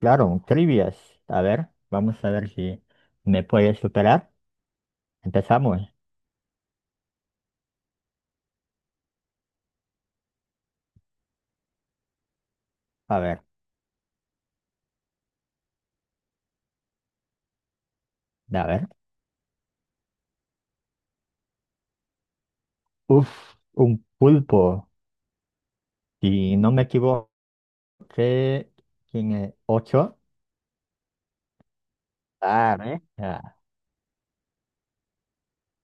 Claro, un trivias. A ver, vamos a ver si me puedes superar. Empezamos. A ver, a ver. Uf, un pulpo. Si no me equivoco, tiene ocho. Ah, ¿eh? Ah,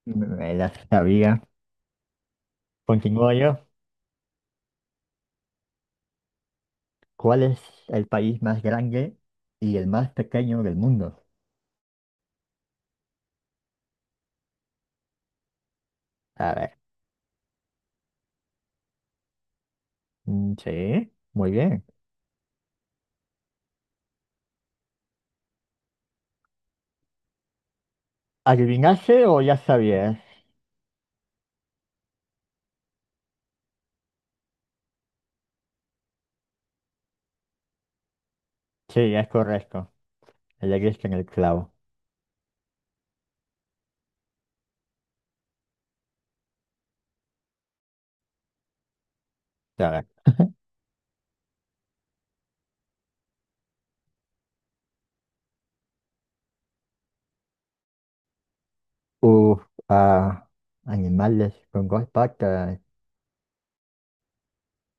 me la sabía. Continúo yo. ¿Cuál es el país más grande y el más pequeño del mundo? A ver. Mm, sí, muy bien. ¿Adivinaste o ya sabías? Sí, es correcto. Le diste en el clavo. A ver. Uf, ah, animales con dos patas.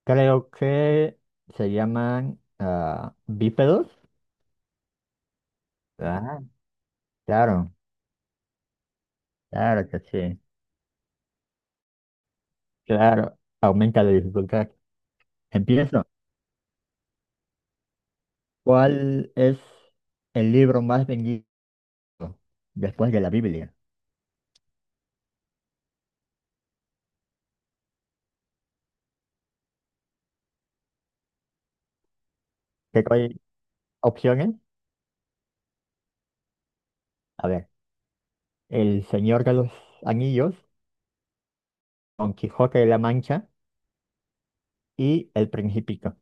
Creo que se llaman bípedos. Ah, claro, claro que sí. Claro, aumenta la dificultad. Empiezo. ¿Cuál es el libro más vendido después de la Biblia? ¿Qué hay opciones? A ver, El Señor de los Anillos, Don Quijote de la Mancha y El Principito.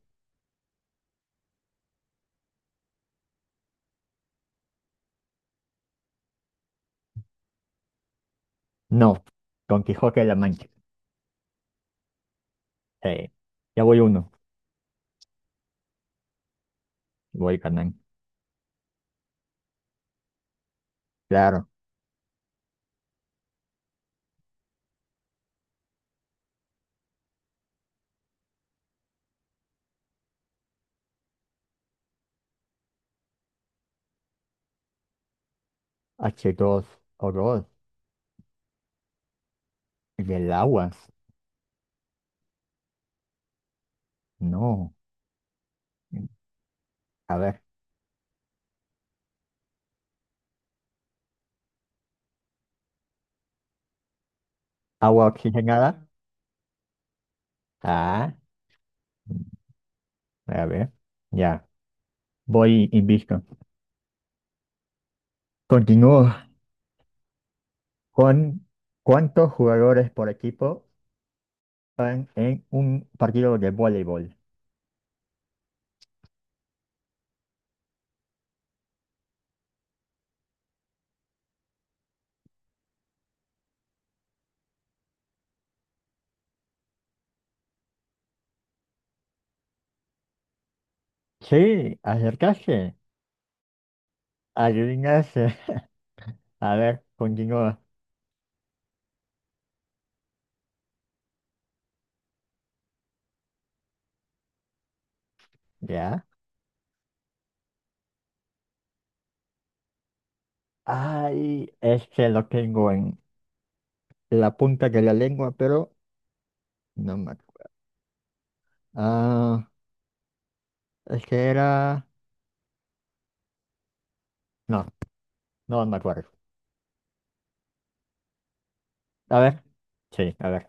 No, Don Quijote de la Mancha. Sí, ya voy uno, voy ganando. Claro, H2O2 y el agua. No. A ver, agua oxigenada. Ah, a ver, ya. Voy invicto. Continúo con cuántos jugadores por equipo van en un partido de voleibol. Sí, acercarse. Adivinarse. A ver, continúa. Ya. Ay, es que lo tengo en la punta de la lengua, pero no me acuerdo. Ah, es que era. No. No, no me acuerdo. A ver, sí, a ver.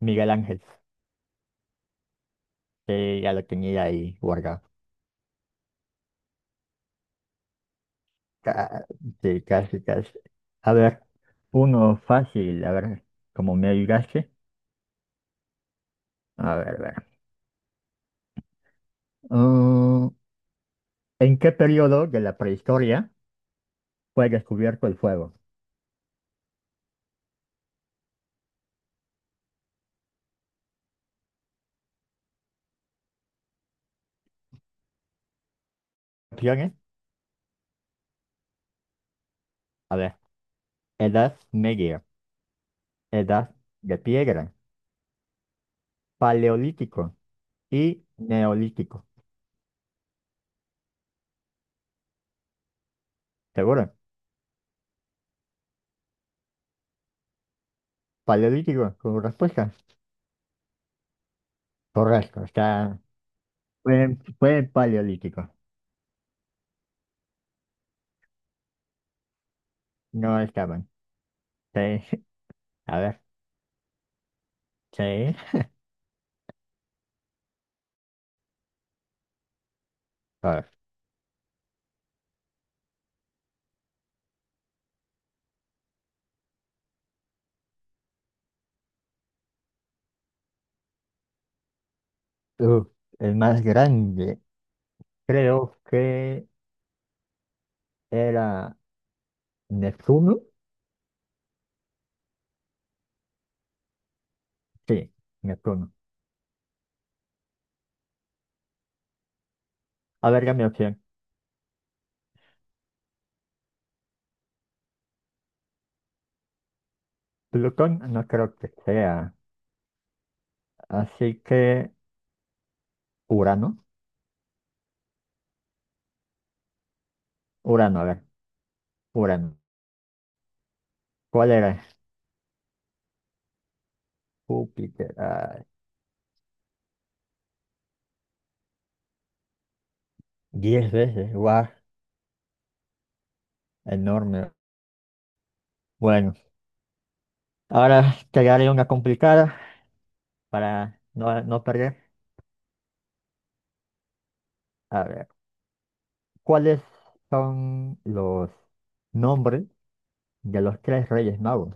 Miguel Ángel. Sí, ya lo tenía ahí guardado. Ca- Sí, casi, casi. A ver, uno fácil, a ver, como me ayudaste. A ver, a ver. Mm, ¿en qué periodo de la prehistoria fue descubierto el fuego? Opciones. A ver, Edad Media, Edad de Piedra, Paleolítico y Neolítico. ¿Seguro? Paleolítico, como respuesta. Correcto, fue, Paleolítico. No estaba. Sí, a ver, sí, a ver. Uf, el más grande, creo que era Neptuno. Sí, Neptuno. A ver, dame opción. Plutón no creo que sea. Así que Urano. Urano, a ver, Urano. ¿Cuál era? Júpiter. Ah, 10 veces, guau, enorme. Bueno, ahora te daré una complicada para no, no perder. A ver, ¿cuáles son los nombres de los tres reyes magos?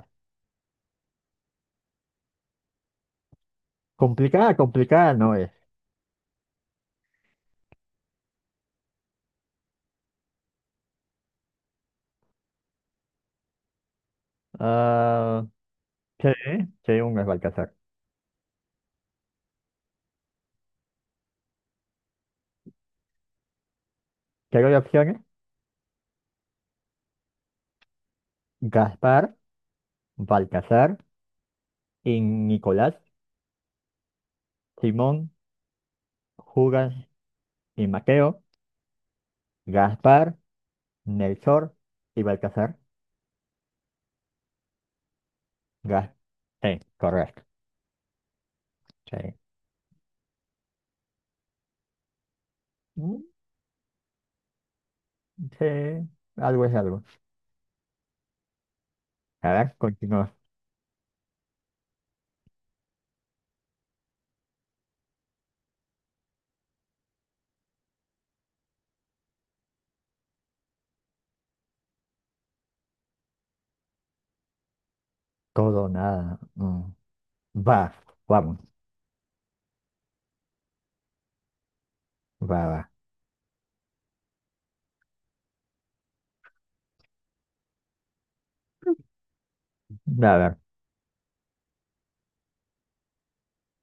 Complicada, complicada no es. Ah, sí, sí, uno es Balcazar. ¿Qué hay opciones? Gaspar, Balcazar, y Nicolás, Simón, Judas y Mateo, Gaspar, Melchor y Balcazar. Gas Sí, correcto. Sí. Mm, sí, algo es algo. A ver, continúa. Todo, nada. Mm. Va, vamos. Va, va. Va, a ver,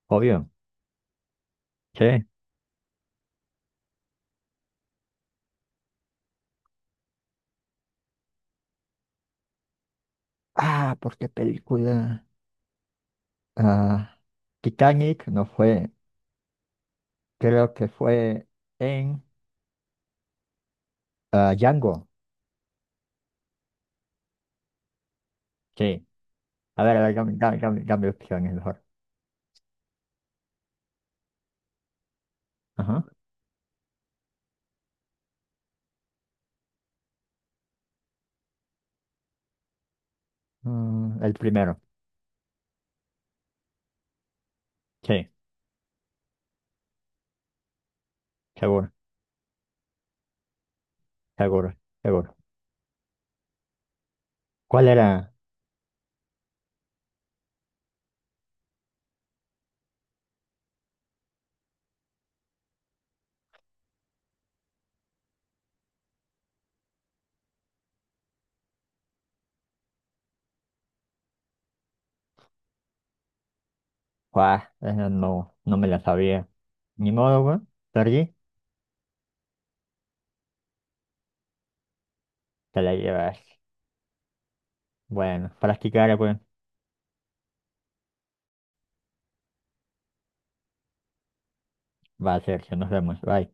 obvio. Sí. Ah, ¿por qué película? Ah, Titanic no fue. Creo que fue en Django. Sí. A ver, dame opciones mejor. Ajá. Mm, el primero. Sí, seguro, seguro, seguro. ¿Cuál era? Guau, esa no, no me la sabía. Ni modo, güey. Perdí, te la llevas. Bueno, practicar, güey. Va a ser, nos vemos. Bye.